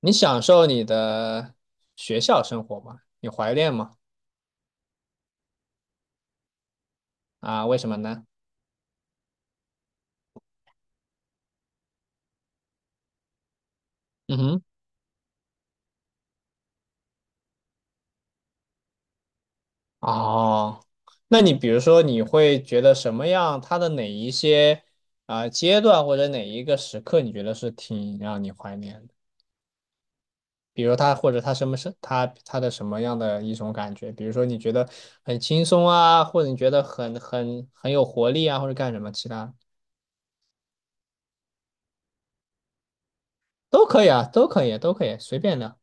你享受你的学校生活吗？你怀念吗？啊，为什么呢？嗯哼，哦，那你比如说，你会觉得什么样？它的哪一些阶段或者哪一个时刻，你觉得是挺让你怀念的？比如它或者它什么是它的什么样的一种感觉？比如说你觉得很轻松啊，或者你觉得很有活力啊，或者干什么其他都可以啊，都可以，都可以，随便的。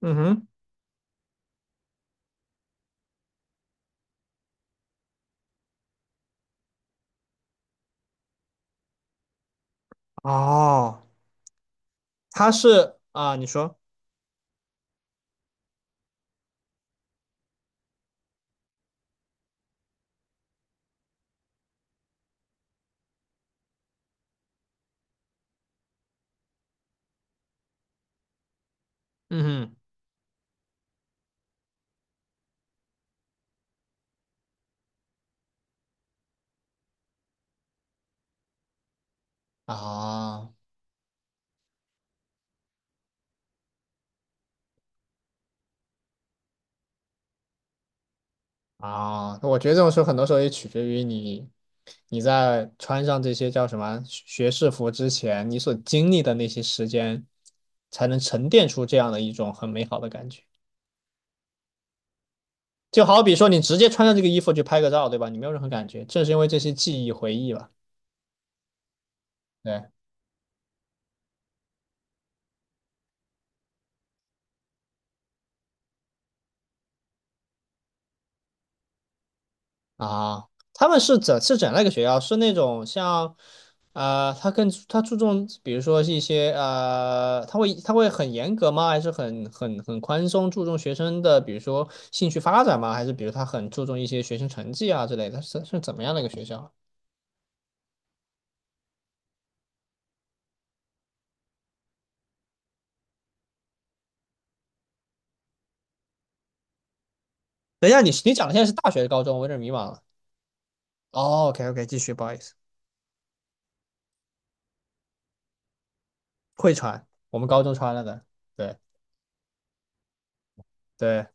嗯哼，哦，它是啊，你说。嗯哼啊我觉得这种时候很多时候也取决于你，你在穿上这些叫什么学士服之前，你所经历的那些时间，才能沉淀出这样的一种很美好的感觉。就好比说，你直接穿上这个衣服去拍个照，对吧？你没有任何感觉，正是因为这些记忆回忆吧。对。啊，他们是怎样的一个学校？是那种像，他注重，比如说是一些他会很严格吗？还是很宽松，注重学生的，比如说兴趣发展吗？还是比如他很注重一些学生成绩啊之类的？是怎么样的一个学校？等一下，你讲的现在是大学、高中，我有点迷茫了。哦，OK OK，继续，不好意思，会传，我们高中传了的，对对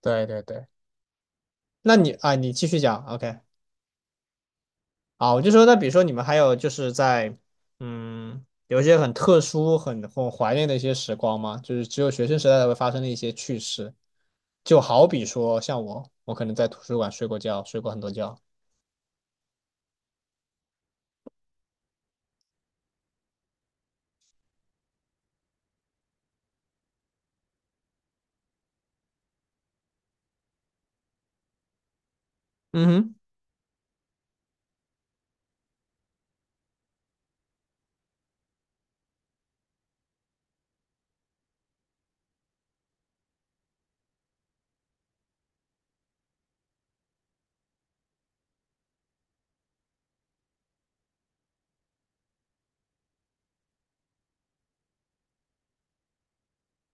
对对对，那你啊，你继续讲，OK。啊，我就说，那比如说你们还有就是在，嗯，有一些很特殊、很怀念的一些时光吗？就是只有学生时代才会发生的一些趣事，就好比说，像我，我可能在图书馆睡过觉，睡过很多觉。嗯哼，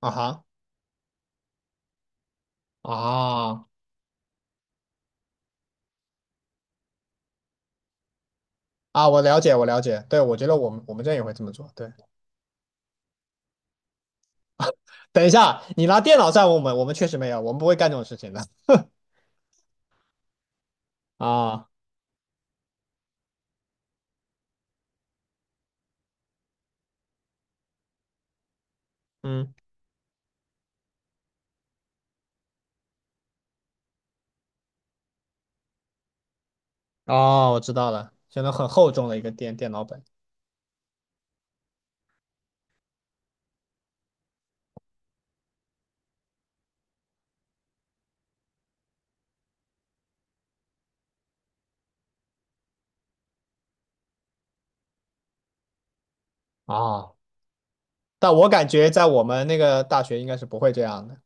啊哈，啊我了解，我了解。对，我觉得我们这也会这么做。对，等一下，你拿电脑在我们，我们确实没有，我们不会干这种事情的。啊，嗯，哦，我知道了，相当很厚重的一个电脑本。啊。但我感觉在我们那个大学应该是不会这样的，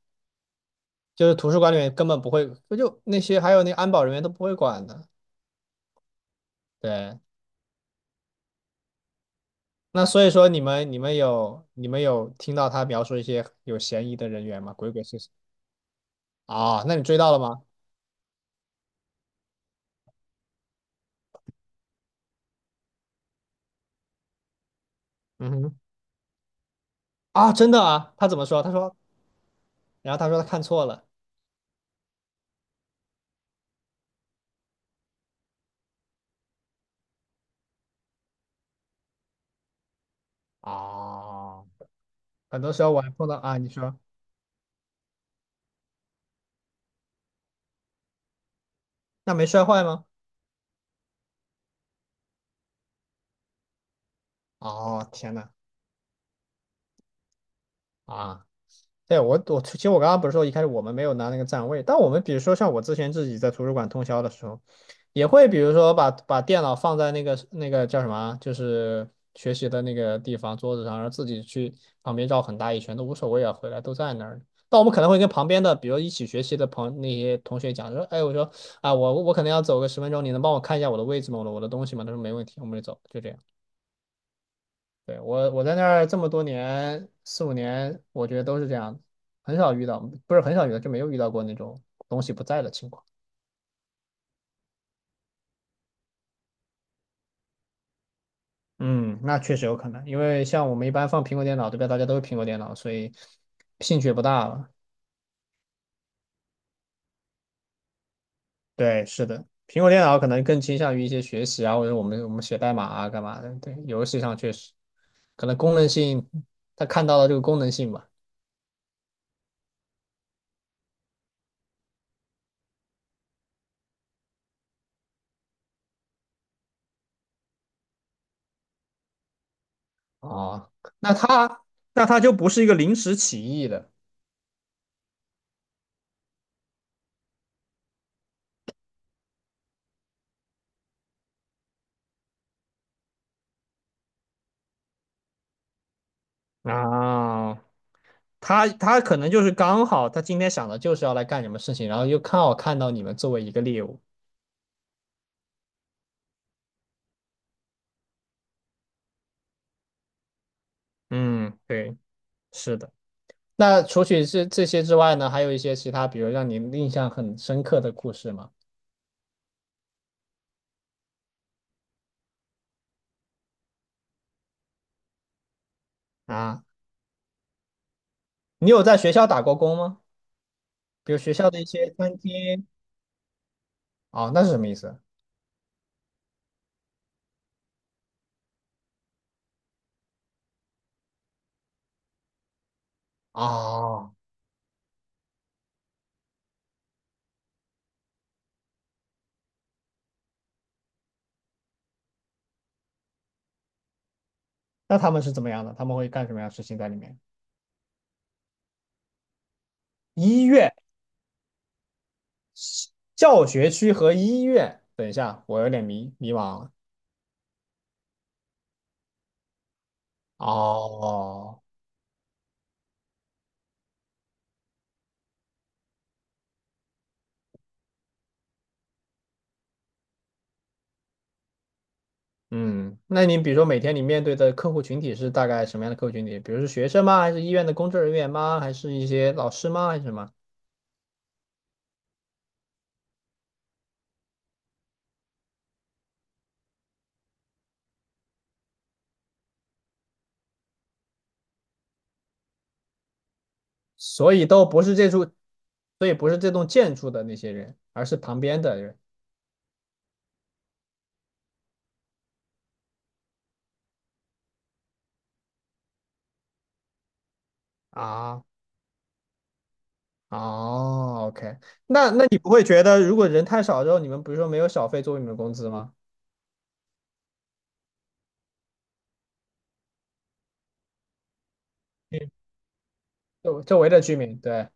就是图书馆里面根本不会，不就那些还有那个安保人员都不会管的。对，那所以说你们有听到他描述一些有嫌疑的人员吗？鬼鬼祟祟啊，那你追到了吗？嗯哼，啊，真的啊，他怎么说？他说，然后他说他看错了。啊。很多时候我还碰到啊，你说那没摔坏吗？哦，天呐，啊。对，我其实我刚刚不是说一开始我们没有拿那个站位，但我们比如说像我之前自己在图书馆通宵的时候，也会比如说把电脑放在那个叫什么啊就是学习的那个地方桌子上，然后自己去旁边绕很大一圈都无所谓啊，回来都在那儿。但我们可能会跟旁边的，比如一起学习的那些同学讲说，哎，我说啊，我可能要走个10分钟，你能帮我看一下我的位置吗？我的东西吗？他说没问题，我们就走，就这样。对，我在那儿这么多年，4、5年，我觉得都是这样的，很少遇到，不是很少遇到，就没有遇到过那种东西不在的情况。嗯，那确实有可能，因为像我们一般放苹果电脑，对吧？大家都是苹果电脑，所以兴趣也不大了。对，是的，苹果电脑可能更倾向于一些学习啊，或者我们写代码啊，干嘛的？对，游戏上确实可能功能性，他看到了这个功能性吧。哦，那它就不是一个临时起意的。啊，他可能就是刚好，他今天想的就是要来干什么事情，然后又刚好看到你们作为一个猎物。嗯，对，是的。那除去这些之外呢，还有一些其他，比如让你印象很深刻的故事吗？啊，你有在学校打过工吗？比如学校的一些餐厅？哦，那是什么意思？哦，那他们是怎么样的？他们会干什么样的事情在里面？医院、教学区和医院。等一下，我有点迷茫了。哦。嗯，那你比如说每天你面对的客户群体是大概什么样的客户群体？比如是学生吗？还是医院的工作人员吗？还是一些老师吗？还是什么？所以都不是这处，所以不是这栋建筑的那些人，而是旁边的人啊。哦，OK，那你不会觉得如果人太少之后，你们比如说没有小费作为你们的工资吗？嗯，周围的居民，对，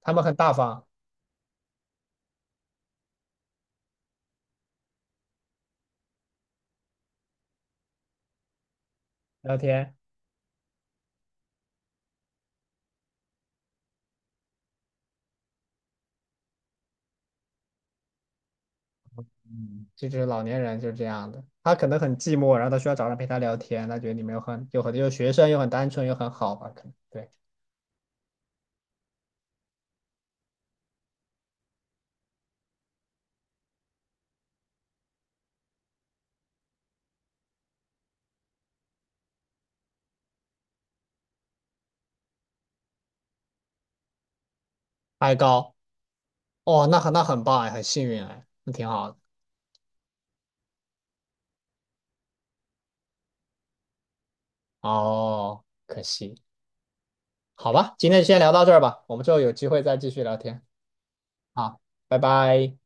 他们很大方，聊天。嗯，就是老年人就是这样的，他可能很寂寞，然后他需要找人陪他聊天，他觉得你们又很有很又学生又很单纯又很好吧，可能对。爱高，哦，那很棒哎，很幸运哎，那挺好的。哦，可惜，好吧，今天就先聊到这儿吧，我们之后有机会再继续聊天。好，拜拜。